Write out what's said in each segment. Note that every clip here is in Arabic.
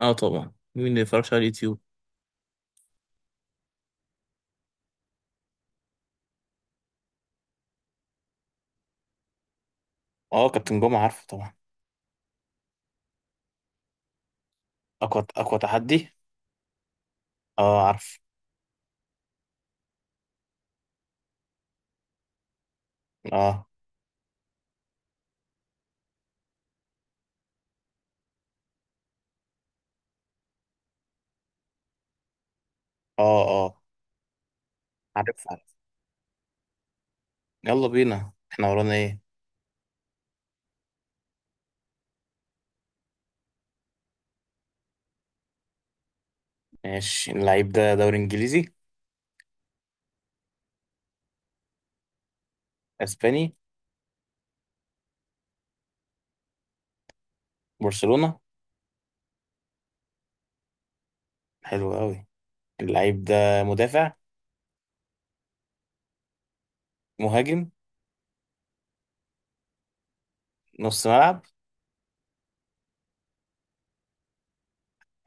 اه طبعا، مين اللي يتفرجش على اليوتيوب. اه كابتن جمعة، عارفه طبعا. اقوى اقوى تحدي. اه عارف. اه، اه. اه عارف عارف، يلا بينا، احنا ورانا ايه؟ ماشي، اللعيب ده دوري انجليزي. اسباني. برشلونة. حلو قوي. اللعيب ده مدافع. مهاجم. نص ملعب.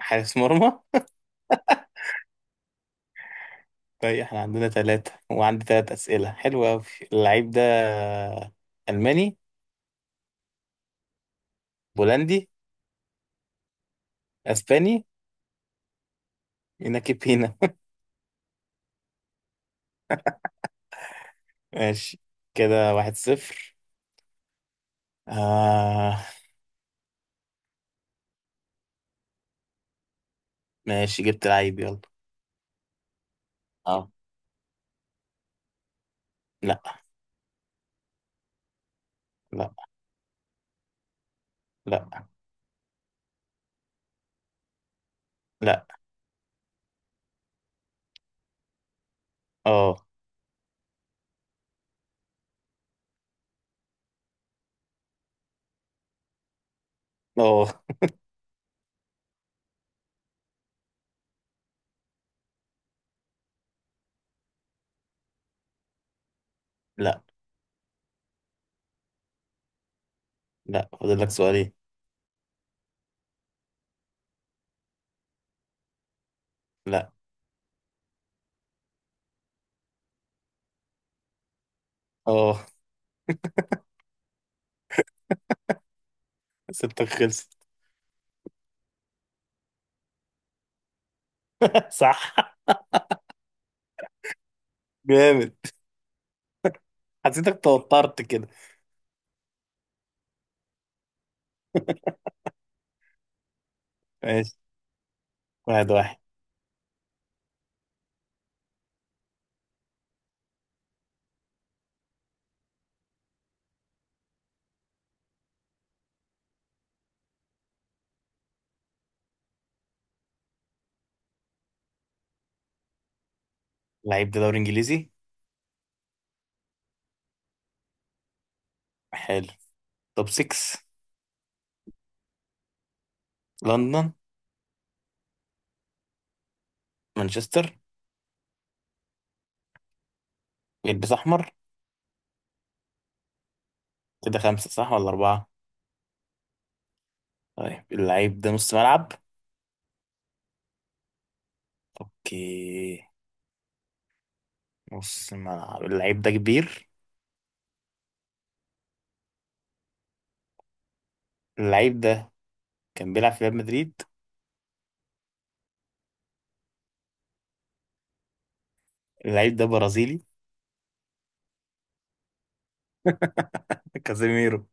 حارس مرمى. طيب، احنا عندنا ثلاثة وعندي ثلاث أسئلة، حلو قوي. اللعيب ده ألماني. بولندي. اسباني. يناكي بينا. ماشي، كده واحد صفر. آه. ماشي جبت لعيب، يلا. اه. لا. لا. لا. لا. اه. اه. لا. لا، فاضل لك سؤالين. لا. اه، ستك خلصت. صح، جامد. حسيتك توترت كده. ماشي، واحد واحد. لعيب ده دوري انجليزي. حلو. توب 6. لندن. مانشستر. يلبس احمر. كده خمسة صح ولا أربعة؟ طيب، اللعيب ده نص ملعب. اوكي. نص ملعب، اللعيب ده كبير. اللعيب ده كان بيلعب في ريال مدريد. اللعيب ده برازيلي. كازيميرو.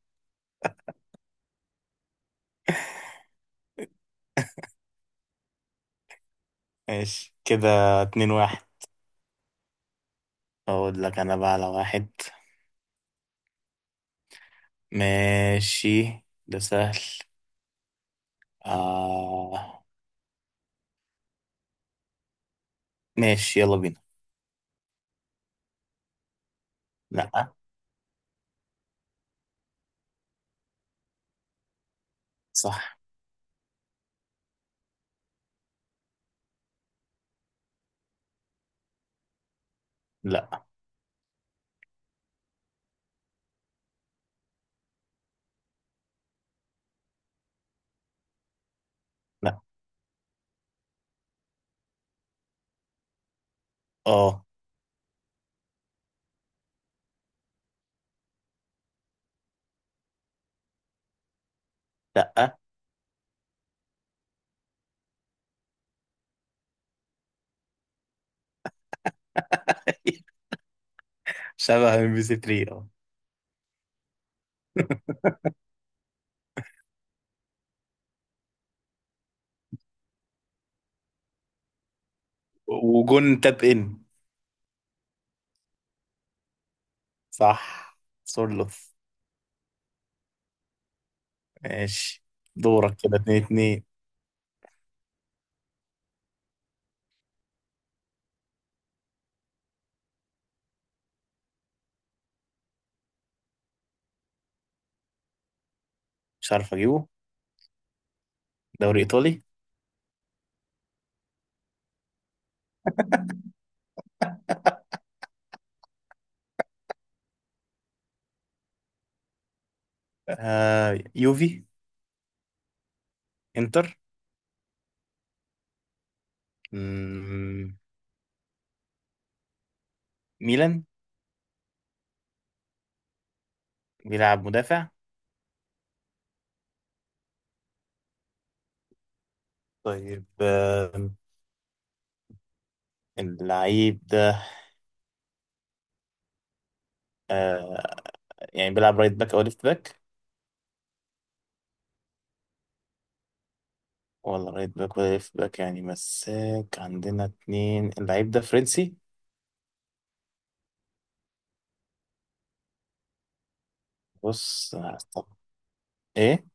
ماشي كده، اتنين واحد. اقول لك انا بقى على واحد. ماشي، ده سهل. آه، ماشي يلا بينا. لا. صح. لا. لا. اه. لا. شبه ام بي سي 3، اه. وجون تاب ان. صح، سورلوث. ماشي، دورك كده، اتنين اتنين. مش عارف اجيبه. دوري ايطالي. آه، يوفي. انتر. مم، ميلان. بيلعب مدافع. طيب، اللعيب ده، آه يعني بيلعب رايت باك او ليفت باك. ولا رايت باك ولا ليفت باك، يعني مساك عندنا اتنين. اللعيب ده فرنسي. بص. طب ايه؟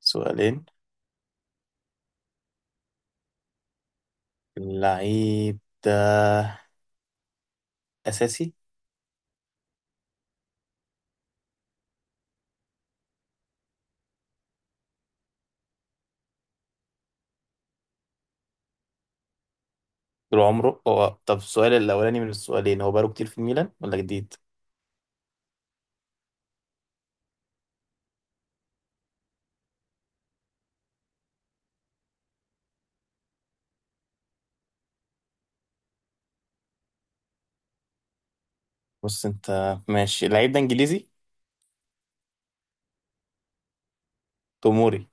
سؤالين. اللعيب ده اساسي. طول عمره هو. طب السؤال الاولاني من السؤالين: هو بقاله كتير في الميلان ولا جديد؟ بص انت ماشي، اللعيب ده انجليزي. توموري.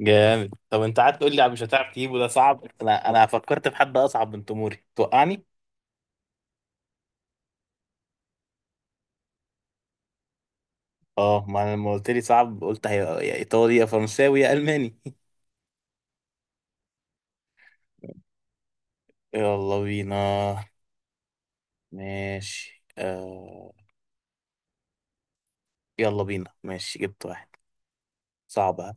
جامد. طب انت قعدت تقول لي مش هتعرف تجيبه، ده صعب. انا فكرت في حد اصعب من توموري توقعني. اه، ما انا لما قلت لي صعب قلت هي يا ايطالي يا فرنساوي يا الماني. يلا بينا. ماشي آه، يلا بينا. ماشي جبت واحد. صعبة.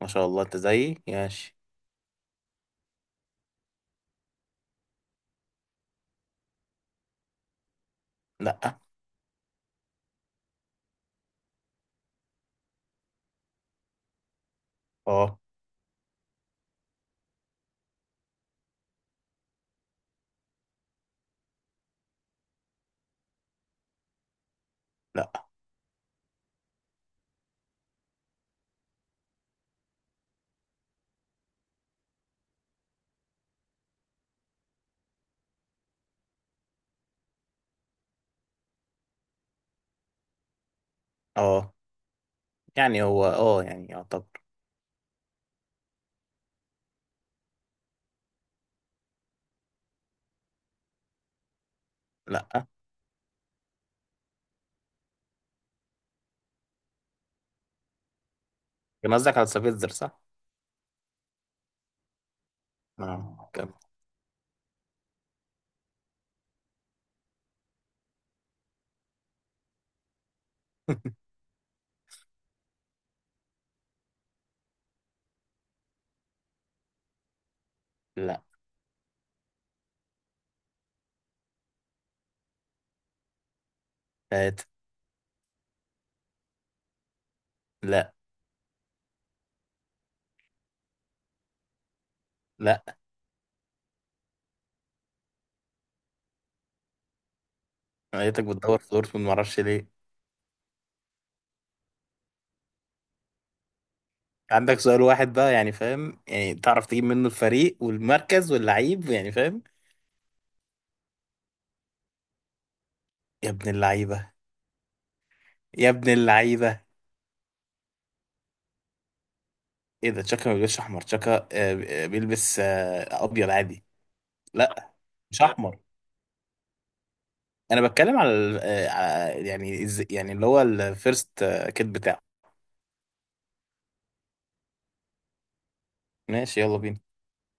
ما شاء الله، انت زيي. ماشي. لا. اه. لا. اه، يعني هو، اه، يعني يعتبر. لا. كان قصدك على سافيتزر، صح؟ اه، كمل. لا. هات. لا. لا. أنا لقيتك بتدور في دورتموند، معرفش ليه. عندك سؤال واحد بقى، يعني فاهم، يعني تعرف تجيب منه الفريق والمركز واللعيب، يعني فاهم. يا ابن اللعيبة. يا ابن اللعيبة. ايه ده، تشاكا ما بيلبسش احمر. تشاكا، آه. بيلبس ابيض عادي. لا، مش احمر. انا بتكلم على، على، يعني يعني اللي هو الفيرست كيت بتاعه. ماشي، يلا بينا.